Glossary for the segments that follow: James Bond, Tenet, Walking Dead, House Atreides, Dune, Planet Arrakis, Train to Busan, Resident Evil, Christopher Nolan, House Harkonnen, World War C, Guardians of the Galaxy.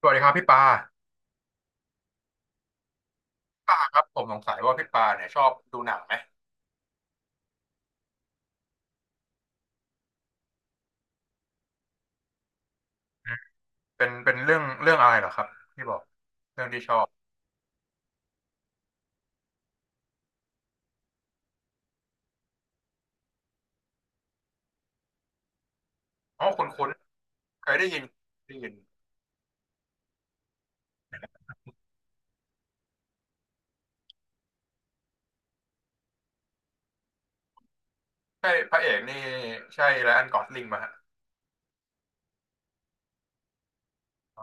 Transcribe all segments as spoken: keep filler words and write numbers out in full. สวัสดีครับพี่ปาปาครับผมสงสัยว่าพี่ปาเนี่ยชอบดูหนังไหมอืมเป็นเป็นเรื่องเรื่องอะไรเหรอครับที่บอกเรื่องที่ชอบอ๋อคุ้นๆเคยได้ยินได้ยินใช่พระเอกนี่ใช่ไรอันกอสลิงมาฮะอ่า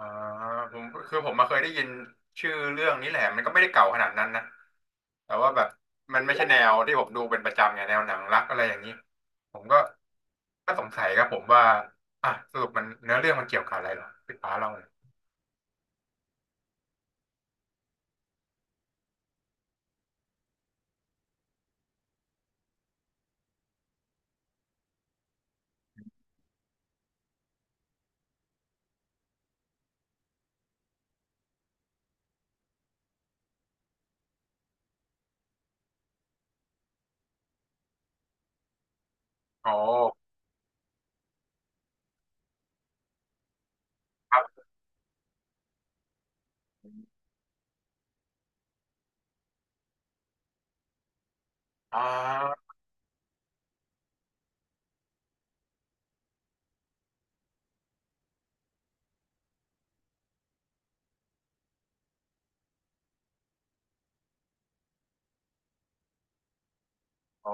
ผมคือผมมาเคยได้ยินชื่อเรื่องนี้แหละมันก็ไม่ได้เก่าขนาดนั้นนะแต่ว่าแบบมันไม่ใช่แนวที่ผมดูเป็นประจำไงแนวหนังรักอะไรอย่างนี้ผมก็ก็สงสัยครับผมว่าอ่ะสรุปมันเนื้อเรื่องมันเกี่ยวกับอะไรเหรอพี่ปาเล่าหน่อยอ๋อครับอ่า อ๋อ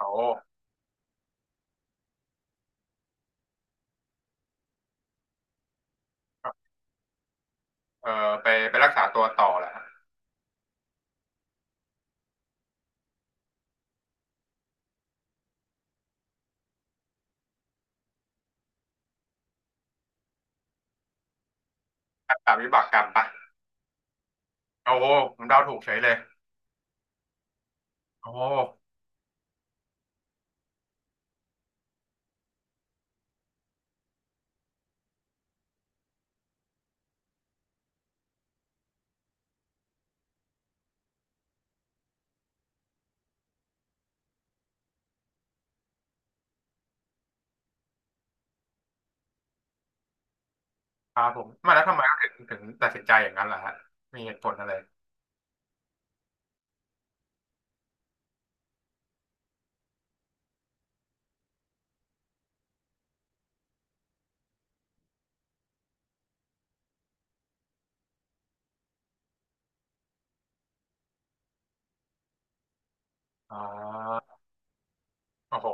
เขาเออไปไปรักษาตัวต่อแหละรักษาวิบากกรรมปะโอ้โหผมเดาถูกเฉยเลยโอ้โหครับผมมาแล้วทำไมถึงถึงตัดสินใจอย่างนั้นล่ะฮะมีเหตุผลอะไรอ๋อโอ้โห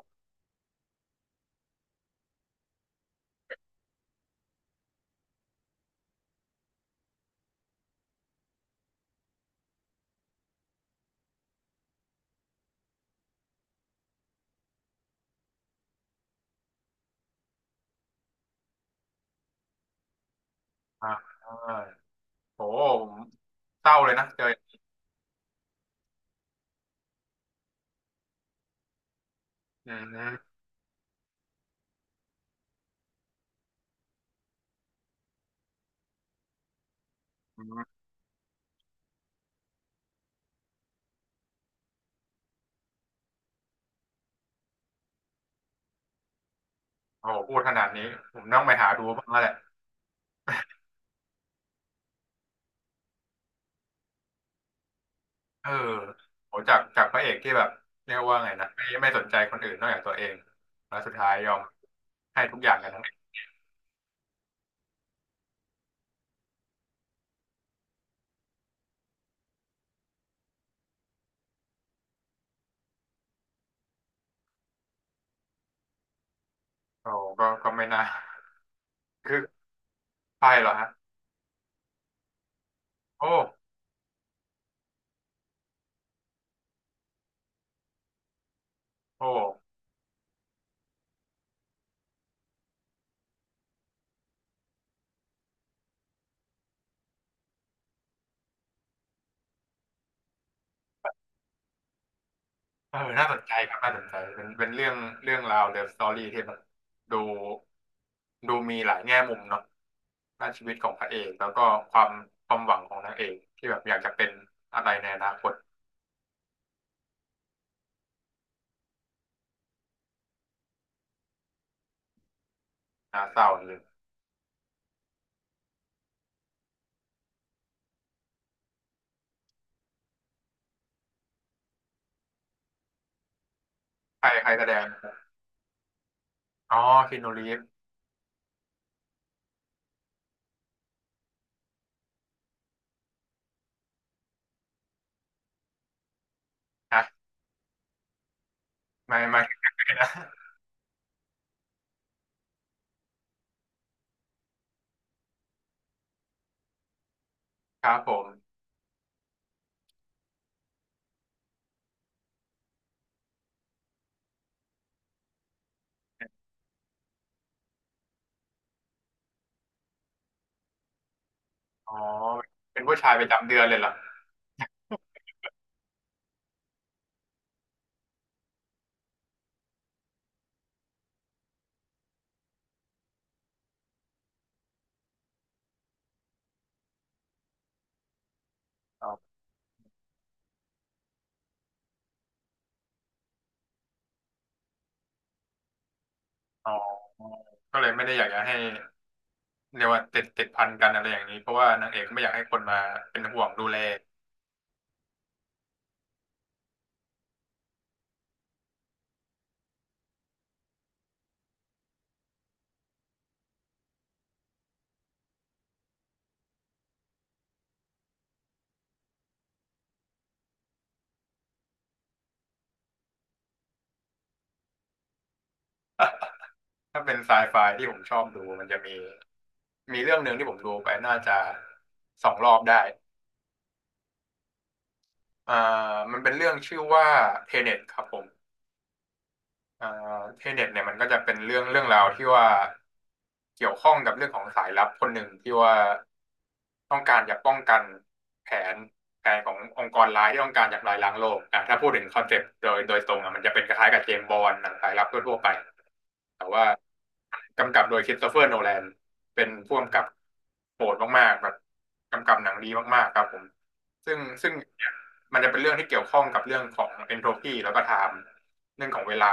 อ่าอ่าโอ้โหผมเศร้าเลยนะเจออืมอืมโอ้โหพูดขนาดนี้ผมต้องไปหาดูบ้างแล้วแหละเออโหจากจากพระเอกที่แบบเรียกว่าไงนะไม่ไม่สนใจคนอื่นนอกจากตัวเองแล้วสุดท้ายยอมให้ทุกอย่างกันทั้งโอ้ก็ก็ไม่น่าคือไปเหรอฮะ โอ้โอ้เออน่าสนใจครับ น่าสนใจ เป็นเป็นเรื่องเรื่องราวเลิฟสตอรี่ที่แบบดูดูมีหลายแง่มุมเนาะด้านชีวิตของพระเอก แล้วก็ความความหวังของนางเอกที่แบบอยากจะเป็นอะไรในอนาคตน่าเศร้าเลยใครใครแสดง อ๋อคีนูรีฟนะไม่ไม่ นะครับผม อ๋อ เป็นผู้ชายประจำเดือนเลยเหรออ๋ออ๋อ ก็เลยไม่ได้อยากจะให้เรียกว่าติดติดพันกันอะไรอย่างนี้ เพราะว่านางเอกไม่อยากให้คนมาเป็นห่วงดูแล ถ้าเป็นไซไฟที่ผมชอบดูมันจะมีมีเรื่องหนึ่งที่ผมดูไปน่าจะสองรอบได้อ่ามันเป็นเรื่องชื่อว่าเทเน็ตครับผม อ่าเทเน็ตเนี่ยมันก็จะเป็นเรื่องเรื่องราวที่ว่าเกี่ยวข้องกับเรื่องของสายลับคนหนึ่งที่ว่าต้องการจะป้องกันแผนแผนขององค์กรร้ายที่ต้องการจะทำลายล้างโลกอ่ะถ้าพูดถึงคอนเซปต์โดยโดยตรงอ่ะมันจะเป็นคล้ายๆกับเจมส์บอนด์หนังสายลับทั่วๆไปแต่ว่ากำกับโดยคริสโตเฟอร์โนแลนเป็นผู้กำกับโหดมากๆแบบกำกับหนังดีมากๆครับผมซึ่งซึ่งเนี่ยมันจะเป็นเรื่องที่เกี่ยวข้องกับเรื่องของเอนโทรปีแล้วก็ไทม์เรื่องของเวลา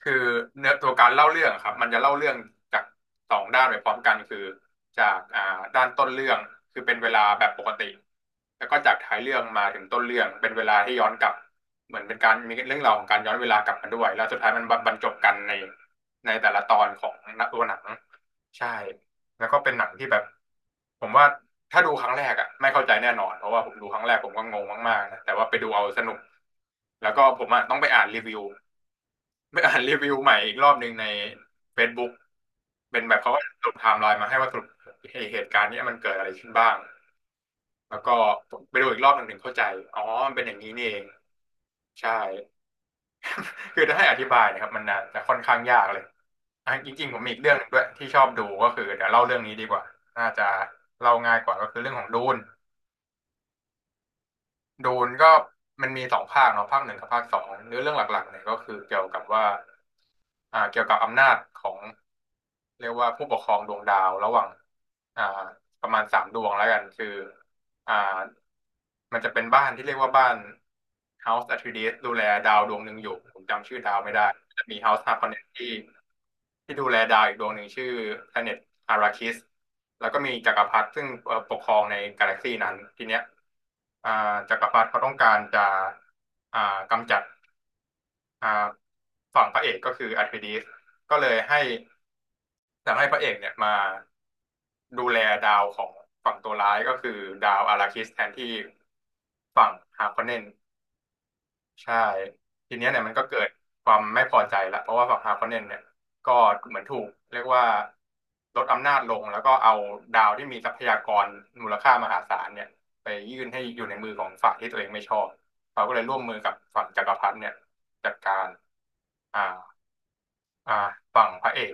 คือเนื้อตัวการเล่าเรื่องอะครับมันจะเล่าเรื่องจากสองด้านไปพร้อมกันคือจากอ่าด้านต้นเรื่องคือเป็นเวลาแบบปกติแล้วก็จากท้ายเรื่องมาถึงต้นเรื่องเป็นเวลาที่ย้อนกลับเหมือนเป็นการมีเรื่องราวของการย้อนเวลากลับมาด้วยแล้วสุดท้ายมันบรรจบกันในในแต่ละตอนของตัวหนังใช่แล้วก็เป็นหนังที่แบบผมว่าถ้าดูครั้งแรกอ่ะไม่เข้าใจแน่นอนเพราะว่าผมดูครั้งแรกผมก็งงมากๆนะแต่ว่าไปดูเอาสนุกแล้วก็ผมอะต้องไปอ่านรีวิว ไม่อ่านรีวิวใหม่อีกรอบหนึ่งใน Facebook เป็นแบบเขาก็สรุปไทม์ไลน์มาให้ว่าสรุปไอ้เหตุการณ์เนี้ยมันเกิดอะไรขึ้นบ้างแล้วก็ผมไปดูอีกรอบหนึ่งถึงเข้าใจอ๋อมันเป็นอย่างนี้นี่เองใช่คือถ้าให้อธิบายนะครับมันน่าจะค่อนข้างยากเลยอ่ะจริงๆผมมีอีกเรื่องหนึงด้วยที่ชอบดูก็คือเดี๋ยวเล่าเรื่องนี้ดีกว่าน่าจะเล่าง่ายกว่าก็คือเรื่องของดูน ดูนก็มันมีสองภาคเนาะภาคหนึ่งกับภาคสองเนื้อเรื่องหลักๆเนี่ยก็คือเกี่ยวกับว่าอ่าเกี่ยวกับอำนาจของเรียกว่าผู้ปกครองดวงดาวระหว่างอ่าประมาณสามดวงแล้วกันคือ อ่ามันจะเป็นบ้านที่เรียกว่าบ้าน House Atreides ดูแลดาวดวงหนึ่งอยู่ผมจำชื่อดาวไม่ได้จะมี House Harkonnen ที่ที่ดูแลดาวอีกดวงหนึ่งชื่อ Planet Arrakis แล้วก็มีจักรพรรดิซึ่งเอ่อปกครองในกาแล็กซีนั้นทีเนี้ยอ่าจักรพรรดิเขาต้องการจะอ่ากำจัดอ่าฝั่งพระเอกก็คืออาร์คิดิสก็เลยให้ แต่ให้พระเอกเนี่ยมาดูแลดาวของฝั่งตัวร้ายก็คือดาวอาราคิสแทนที่ฝั่งฮาร์คอนเนนใช่ทีเนี้ยเนี่ยมันก็เกิดความไม่พอใจละเพราะว่าฝั่งฮาร์คอนเนนเนี่ยก็เหมือนถูกเรียกว่าลดอำนาจลงแล้วก็เอาดาวที่มีทรัพยากรมูลค่ามหาศาลเนี่ยไปยื่นให้อยู่ในมือของฝั่งที่ตัวเองไม่ชอบเขาก็เลยร่วมมือกับฝั่งจักรพรรดิเนี่ยจัดการอ่า อ่าฝั่งพระเอก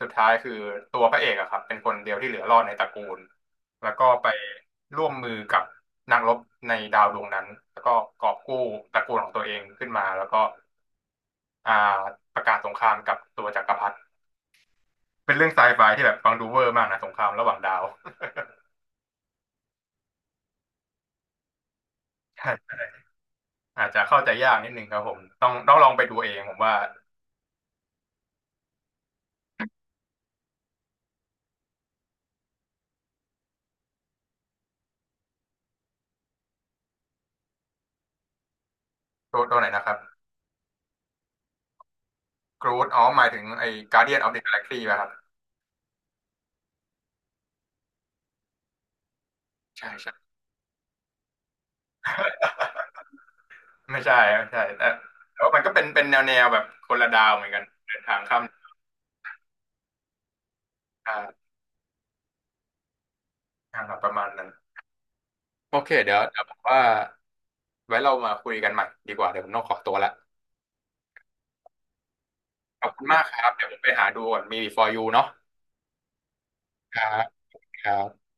สุดท้ายคือตัวพระเอกอะครับเป็นคนเดียวที่เหลือรอดในตระกูลแล้วก็ไปร่วมมือกับนักรบในดาวดวงนั้นแล้วก็กอบกู้ตระกูลของตัวเองขึ้นมาแล้วก็อ่าประกาศสงครามกับตัวจักรพรรดิเป็นเรื่องไซไฟที่แบบฟังดูเวอร์มากนะสงครามระหว่างดาว ใช่อาจจะเข้าใจยากนิดนึงครับผมต้องต้องลองไปดูเองผมว่าตัวตัวไหนนะครับกรูดอ๋อหมายถึงไอ้ Guardian of the Galaxy ป่ะครับใช่ใช่ ไม่ใช่ไม่ใช่แต่แต่ว่ามันก็เป็นเป็นแนวแนวแบบคนละดาวเหมือนกันเดินทางข้ามอ่าทางทาบประมาณนั้นโอเคเดี๋ยวเดี๋ยวผมว่าไว้เรามาคุยกันใหม่ดีกว่าเดี๋ยวผมต้องขอตัวละขอบคุณมากครับเดี๋ยวผมไปหาดูก่อนมี for you เนาะครับครับ